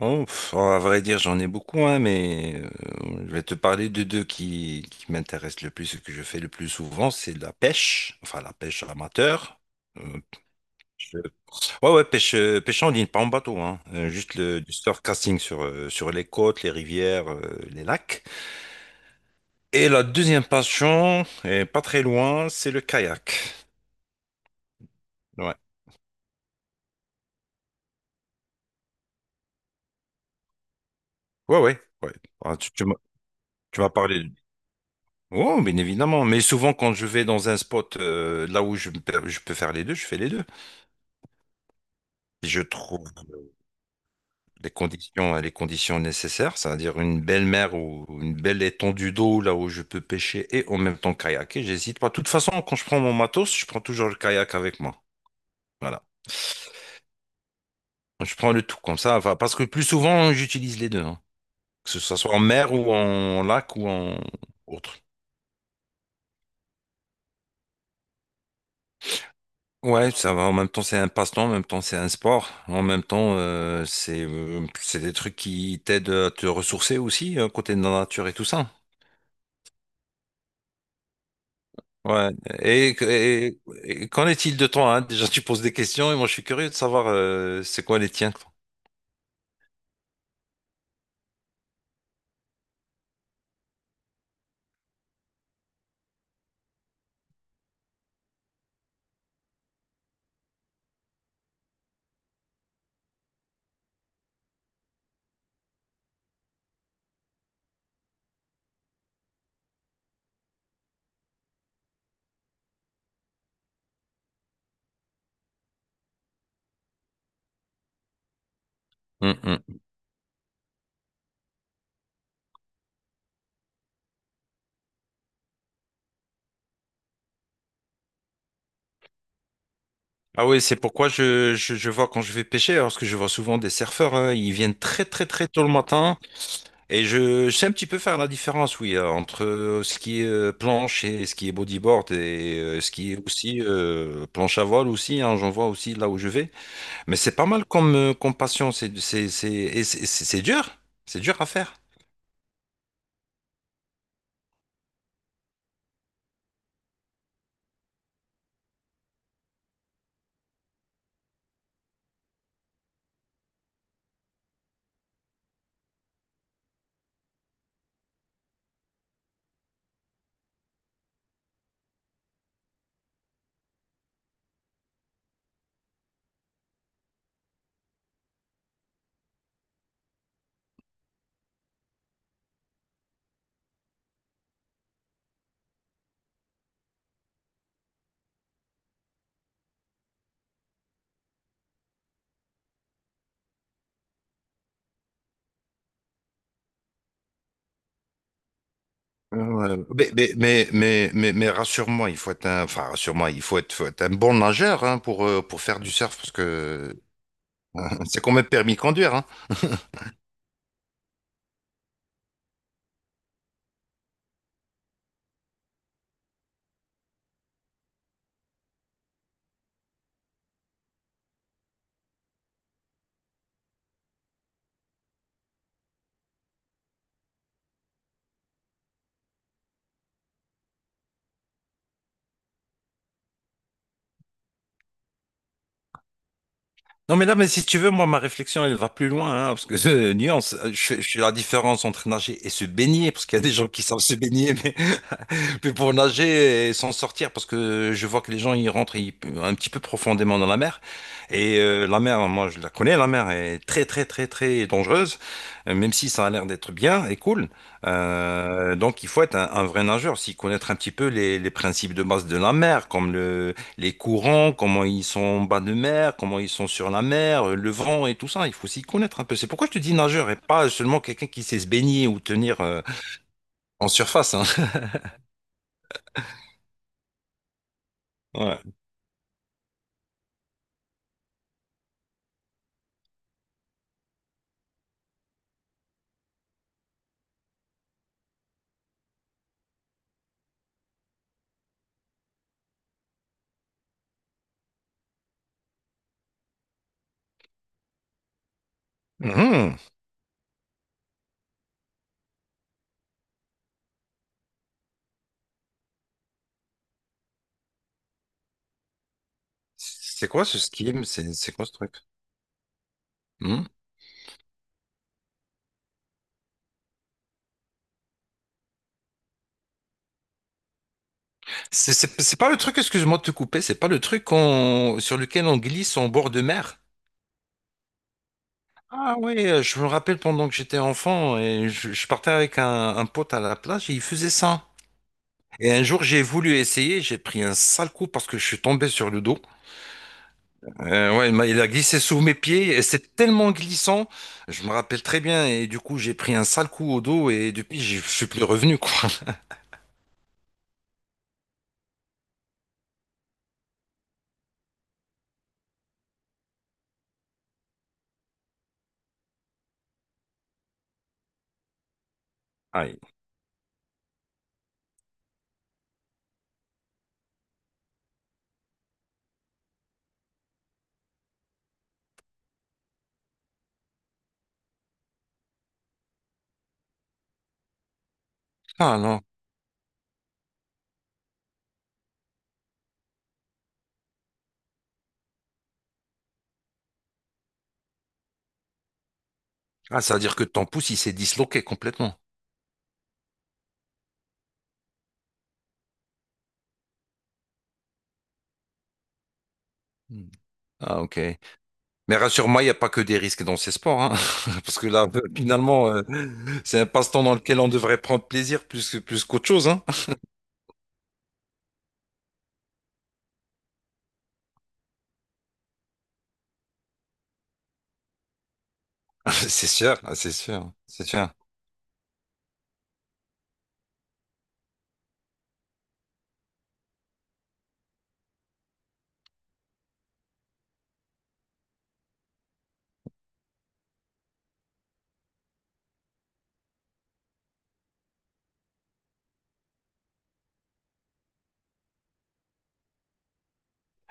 Oh, pff, à vrai dire, j'en ai beaucoup, hein, mais je vais te parler de deux qui m'intéressent le plus et que je fais le plus souvent, c'est la pêche, enfin la pêche amateur. Euh, pêche- ouais, ouais, pêche, pêche en ligne, pas en bateau, hein, juste du surfcasting sur, sur les côtes, les rivières, les lacs. Et la deuxième passion, et pas très loin, c'est le kayak. Ouais, ouais, ouais, ouais. Ah, tu m'as parlé. Oh, bien évidemment. Mais souvent, quand je vais dans un spot là où je peux faire les deux, je fais les deux. Si je trouve les conditions nécessaires, c'est-à-dire une belle mer ou une belle étendue d'eau là où je peux pêcher et en même temps kayaker. J'hésite pas. De toute façon, quand je prends mon matos, je prends toujours le kayak avec moi. Voilà. Je prends le tout comme ça. Enfin, parce que plus souvent, j'utilise les deux, hein. Que ce soit en mer ou en lac ou en autre. Ouais, ça va. En même temps, c'est un passe-temps, en même temps, c'est un sport. En même temps, c'est des trucs qui t'aident à te ressourcer aussi, côté de la nature et tout ça. Ouais. Et qu'en est-il de toi, hein? Déjà, tu poses des questions et moi, je suis curieux de savoir c'est quoi les tiens, quoi. Hum, hum. Ah oui, c'est pourquoi je vois quand je vais pêcher, hein, parce que je vois souvent des surfeurs, hein, ils viennent très très très tôt le matin. Et je sais un petit peu faire la différence, oui, entre ce qui est planche et ce qui est bodyboard et ce qui est aussi planche à voile aussi, hein, j'en vois aussi là où je vais. Mais c'est pas mal comme, comme passion, c'est dur, c'est dur à faire. Ouais. Mais rassure-moi, il faut être faut être un bon nageur hein, pour faire du surf parce que c'est quand même permis de conduire, hein. Non, mais là, mais si tu veux, moi, ma réflexion, elle va plus loin, hein, parce que nuance, je fais la différence entre nager et se baigner, parce qu'il y a des gens qui savent se baigner, mais puis pour nager et s'en sortir, parce que je vois que les gens ils rentrent ils- un petit peu profondément dans la mer. Et la mer, moi je la connais, la mer est très très très très dangereuse, même si ça a l'air d'être bien et cool. Donc il faut être un vrai nageur, s'y connaître un petit peu les principes de base de la mer, comme les courants, comment ils sont en bas de mer, comment ils sont sur la mer, le vent et tout ça. Il faut s'y connaître un peu. C'est pourquoi je te dis nageur et pas seulement quelqu'un qui sait se baigner ou tenir en surface, hein. Ouais. Mhm. C'est quoi ce skim? C'est quoi ce truc? Hmm. C'est pas le truc, excuse-moi de te couper, c'est pas sur lequel on glisse en bord de mer. Ah oui, je me rappelle pendant que j'étais enfant et je partais avec un pote à la plage et il faisait ça. Et un jour j'ai voulu essayer, j'ai pris un sale coup parce que je suis tombé sur le dos. Ouais, il a glissé sous mes pieds et c'est tellement glissant, je me rappelle très bien et du coup j'ai pris un sale coup au dos et depuis je suis plus revenu quoi. Aïe. Ah non. Ah, ça veut dire que ton pouce, il s'est disloqué complètement. Hmm. Ah, ok. Mais rassure-moi, il n'y a pas que des risques dans ces sports, hein. Parce que là, finalement, c'est un passe-temps dans lequel on devrait prendre plaisir plus que, plus qu'autre chose, hein. C'est sûr, ah, c'est sûr, c'est sûr.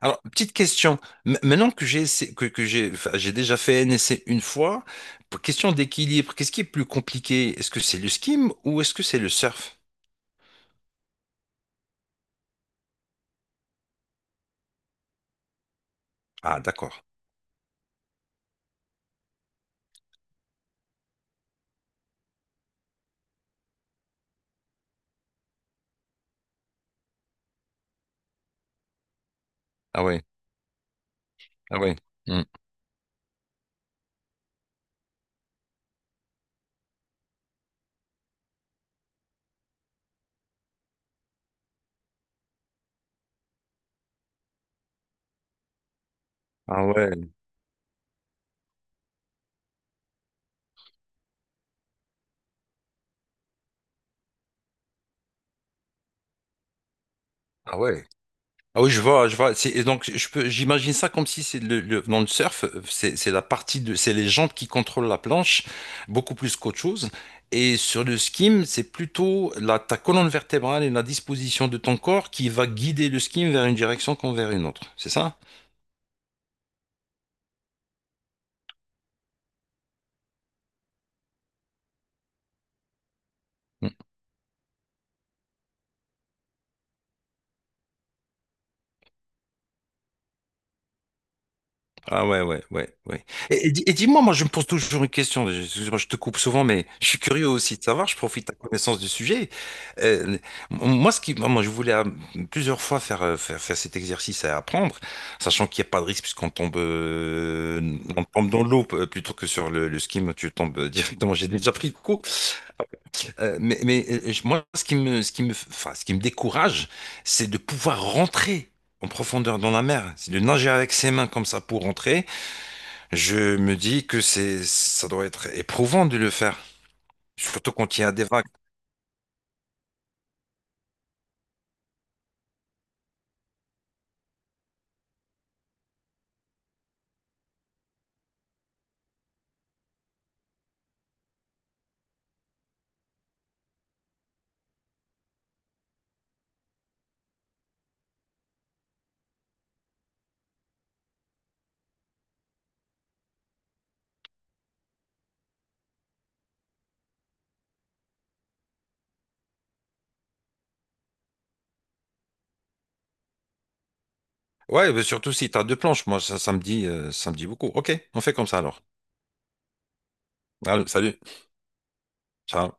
Alors, petite question. Maintenant que j'ai enfin, j'ai déjà fait un essai une fois, pour- question d'équilibre, qu'est-ce qui est plus compliqué? Est-ce que c'est le skim ou est-ce que c'est le surf? Ah, d'accord. Ah ouais, ah ouais. Hmm. Ah ouais, ah ouais. Ah oui, je vois, je vois. C'est- et donc, je peux, j'imagine ça comme si c'est dans le surf, c'est la partie de, c'est les jambes qui contrôlent la planche, beaucoup plus qu'autre chose. Et sur le skim, c'est plutôt ta colonne vertébrale et la disposition de ton corps qui va guider le skim vers une direction comme vers une autre. C'est ça? Ah ouais, ouais, ouais, ouais. Et dis-moi, moi je me pose toujours une question, excuse-moi, je te coupe souvent, mais je suis curieux aussi de savoir, je profite de ta connaissance du sujet. Euh, Moi, moi, je voulais plusieurs fois faire, faire cet exercice à apprendre, sachant qu'il n'y a pas de risque puisqu'on tombe, on tombe dans l'eau plutôt que sur le ski, tu tombes directement, j'ai déjà pris le coup. Moi, ce qui me, enfin, ce qui me décourage, c'est de pouvoir rentrer en profondeur dans la mer, c'est de nager avec ses mains comme ça pour rentrer, je me dis que c'est, ça doit être éprouvant de le faire, surtout quand il y a des vagues. Ouais, mais surtout si tu as deux planches, moi ça, ça me dit beaucoup. Ok, on fait comme ça alors. Allez, salut. Ciao.